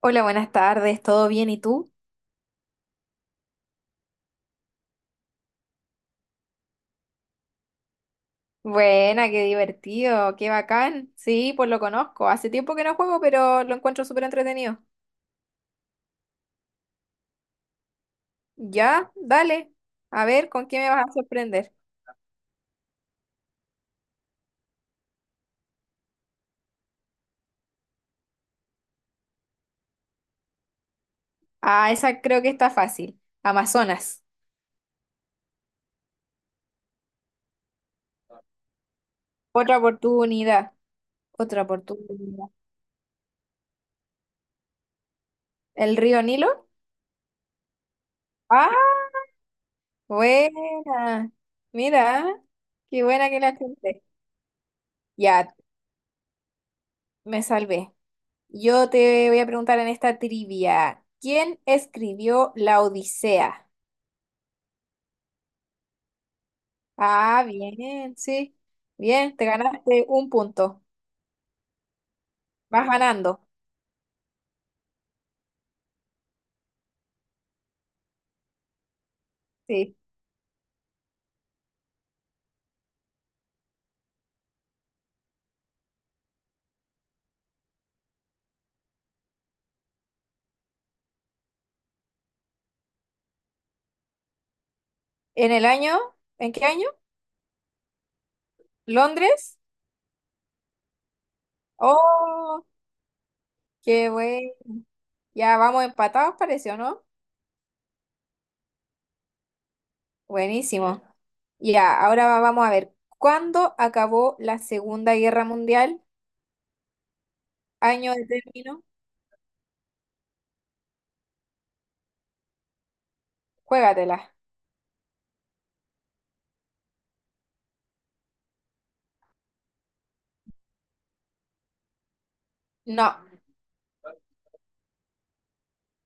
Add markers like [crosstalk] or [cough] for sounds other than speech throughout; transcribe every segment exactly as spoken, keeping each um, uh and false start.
Hola, buenas tardes, ¿todo bien y tú? Buena, qué divertido, qué bacán. Sí, pues lo conozco. Hace tiempo que no juego, pero lo encuentro súper entretenido. Ya, dale. A ver, ¿con qué me vas a sorprender? Ah, esa creo que está fácil. Amazonas. Otra oportunidad. Otra oportunidad. ¿El río Nilo? Ah, buena. Mira, qué buena que la gente. Ya, me salvé. Yo te voy a preguntar en esta trivia, ¿quién escribió La Odisea? Ah, bien, sí. Bien, te ganaste un punto. Vas ganando. Sí. ¿En el año? ¿En qué año? ¿Londres? Oh, qué bueno. Ya vamos empatados, parece, ¿o no? Buenísimo. Ya, ahora vamos a ver. ¿Cuándo acabó la Segunda Guerra Mundial? ¿Año de término? Juégatela. No,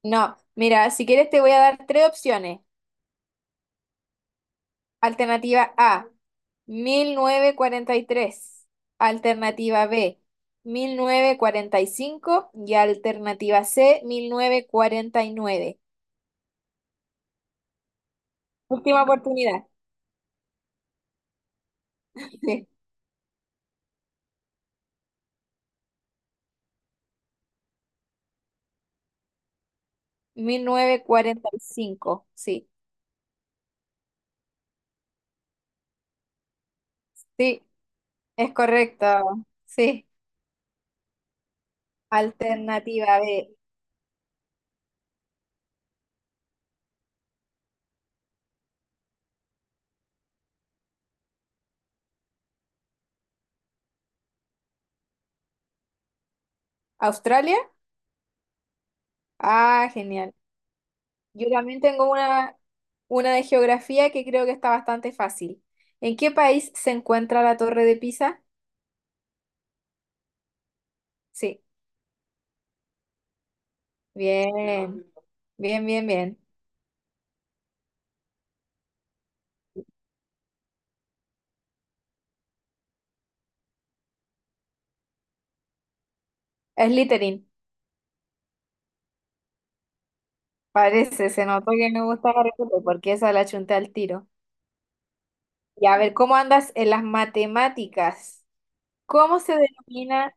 no. Mira, si quieres te voy a dar tres opciones. Alternativa A, mil novecientos cuarenta y tres. Alternativa B, mil novecientos cuarenta Y cinco y alternativa C, mil novecientos cuarenta y nueve. Última oportunidad. Sí, mil novecientos cuarenta y cinco. Sí, sí, es correcto. Sí. Alternativa B, Australia. Ah, genial. Yo también tengo una, una de geografía que creo que está bastante fácil. ¿En qué país se encuentra la Torre de Pisa? Sí. Bien, bien, bien, bien. Es Slytherin, parece, se notó que me gusta Harry Potter porque esa la chunté al tiro. Y a ver, ¿cómo andas en las matemáticas? ¿Cómo se denomina,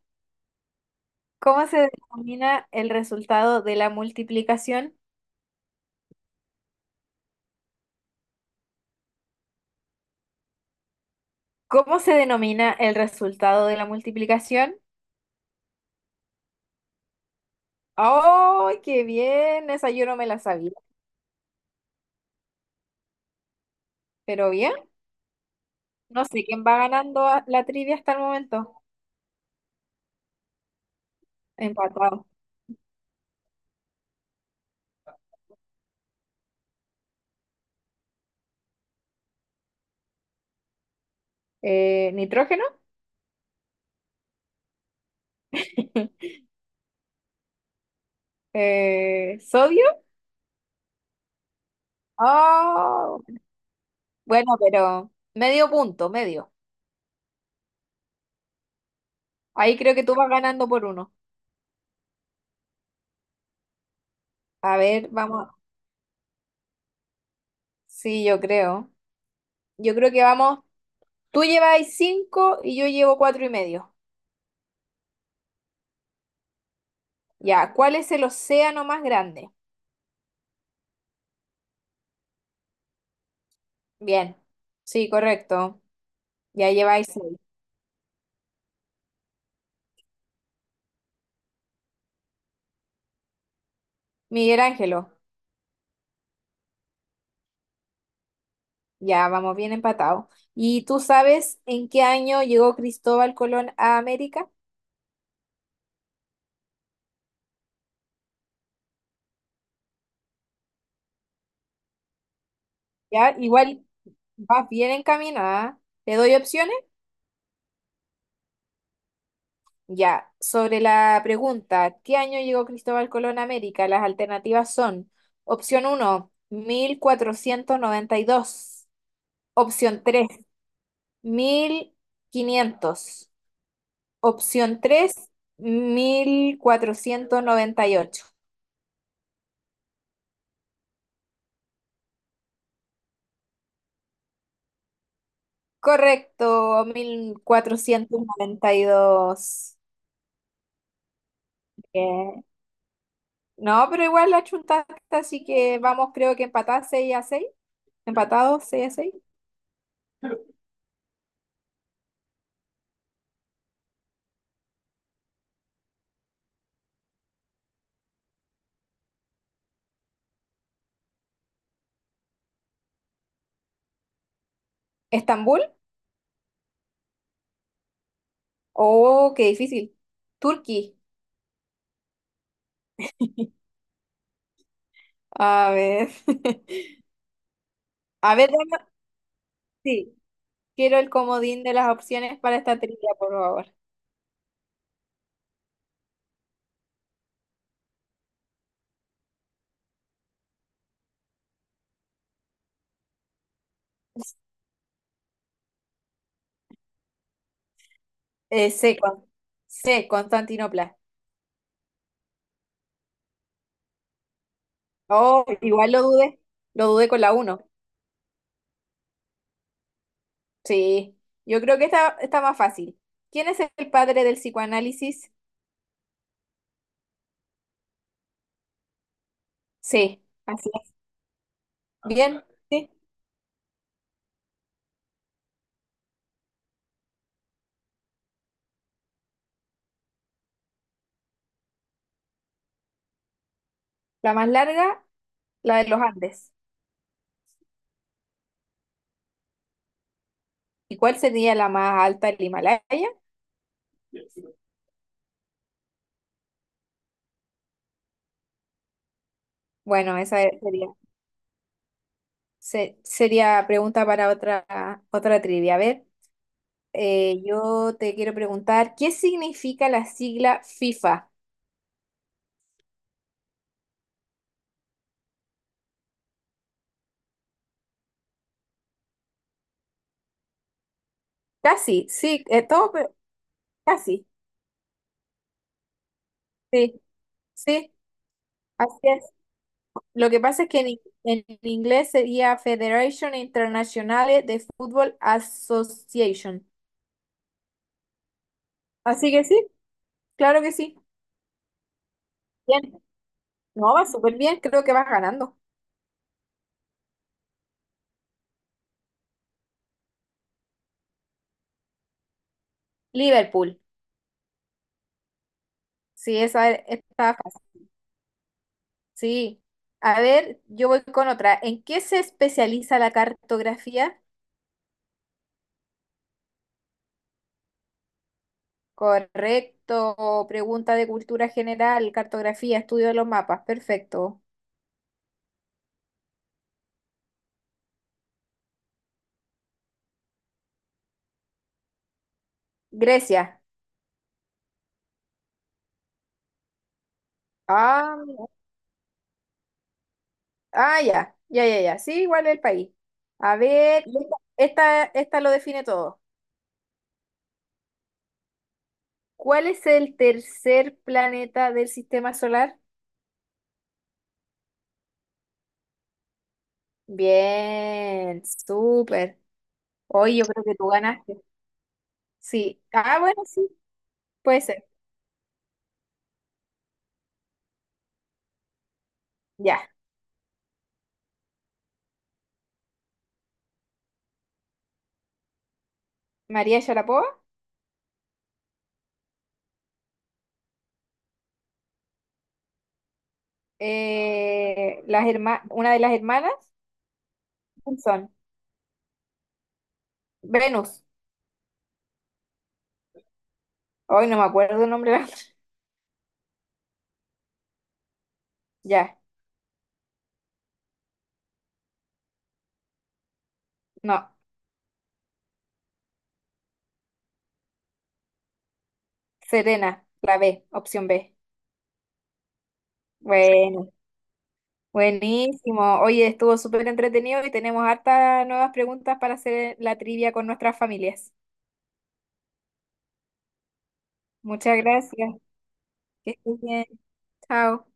cómo se denomina el resultado de la multiplicación? ¿Cómo se denomina el resultado de la multiplicación? ¡Ay, qué bien! Esa yo no me la sabía. Pero bien, no sé quién va ganando a- la trivia hasta el momento. Empatado. Eh, ¿nitrógeno? [laughs] Eh, ¿sodio? Ah, bueno, pero medio punto, medio. Ahí creo que tú vas ganando por uno. A ver, vamos. Sí, yo creo. Yo creo que vamos. Tú lleváis cinco y yo llevo cuatro y medio. Ya, ¿cuál es el océano más grande? Bien. Sí, correcto. Ya lleváis seis. Miguel Ángelo. Ya, vamos bien empatado. ¿Y tú sabes en qué año llegó Cristóbal Colón a América? Ya, igual vas bien encaminada. ¿Te doy opciones? Ya, sobre la pregunta, ¿qué año llegó Cristóbal Colón a América? Las alternativas son opción uno, mil cuatrocientos noventa y dos; opción tres, mil quinientos; opción tres, mil cuatrocientos noventa y ocho. Correcto, mil cuatrocientos noventa y dos. Bien. No, pero igual la chuntaste, así que vamos, creo que empatadas seis a seis, empatados seis a seis. ¿Estambul? Oh, qué difícil. Turquí. A ver. [laughs] A ver, dame- sí. Quiero el comodín de las opciones para esta trivia, por favor. Eh, C, Con- C, Constantinopla. Oh, igual lo dudé. Lo dudé con la uno. Sí. Yo creo que está, está más fácil. ¿Quién es el padre del psicoanálisis? C. Así es. Bien. Sí. La más larga, la de los Andes. ¿Y cuál sería la más alta, el Himalaya? Bueno, esa sería. Se- sería pregunta para otra, otra trivia. A ver, eh, yo te quiero preguntar, ¿qué significa la sigla FIFA? Casi, sí, eh, todo, pero casi, sí, sí, así es. Lo que pasa es que en, i- en inglés sería Federation Internationale de Football Association. Así que sí, claro que sí. Bien, no, va súper bien, creo que vas ganando. Liverpool, sí, esa e- está fácil. Sí. A ver, yo voy con otra. ¿En qué se especializa la cartografía? Correcto. Pregunta de cultura general, cartografía, estudio de los mapas. Perfecto. Grecia. Ah, ah, ya, ya, ya, ya. Sí, igual el país. A ver, y esta, esta, esta lo define todo. ¿Cuál es el tercer planeta del sistema solar? Bien, súper. Hoy yo creo que tú ganaste. Sí. Ah, bueno, sí, puede ser. Ya. María Sharapova. eh, las herma- una de las hermanas, ¿quién son? Venus. Hoy no me acuerdo el nombre de la- [laughs] otra. Ya, no. Serena, la B, opción B. Bueno, buenísimo. Oye, estuvo súper entretenido y tenemos hartas nuevas preguntas para hacer la trivia con nuestras familias. Muchas gracias. Que estés bien. Chao.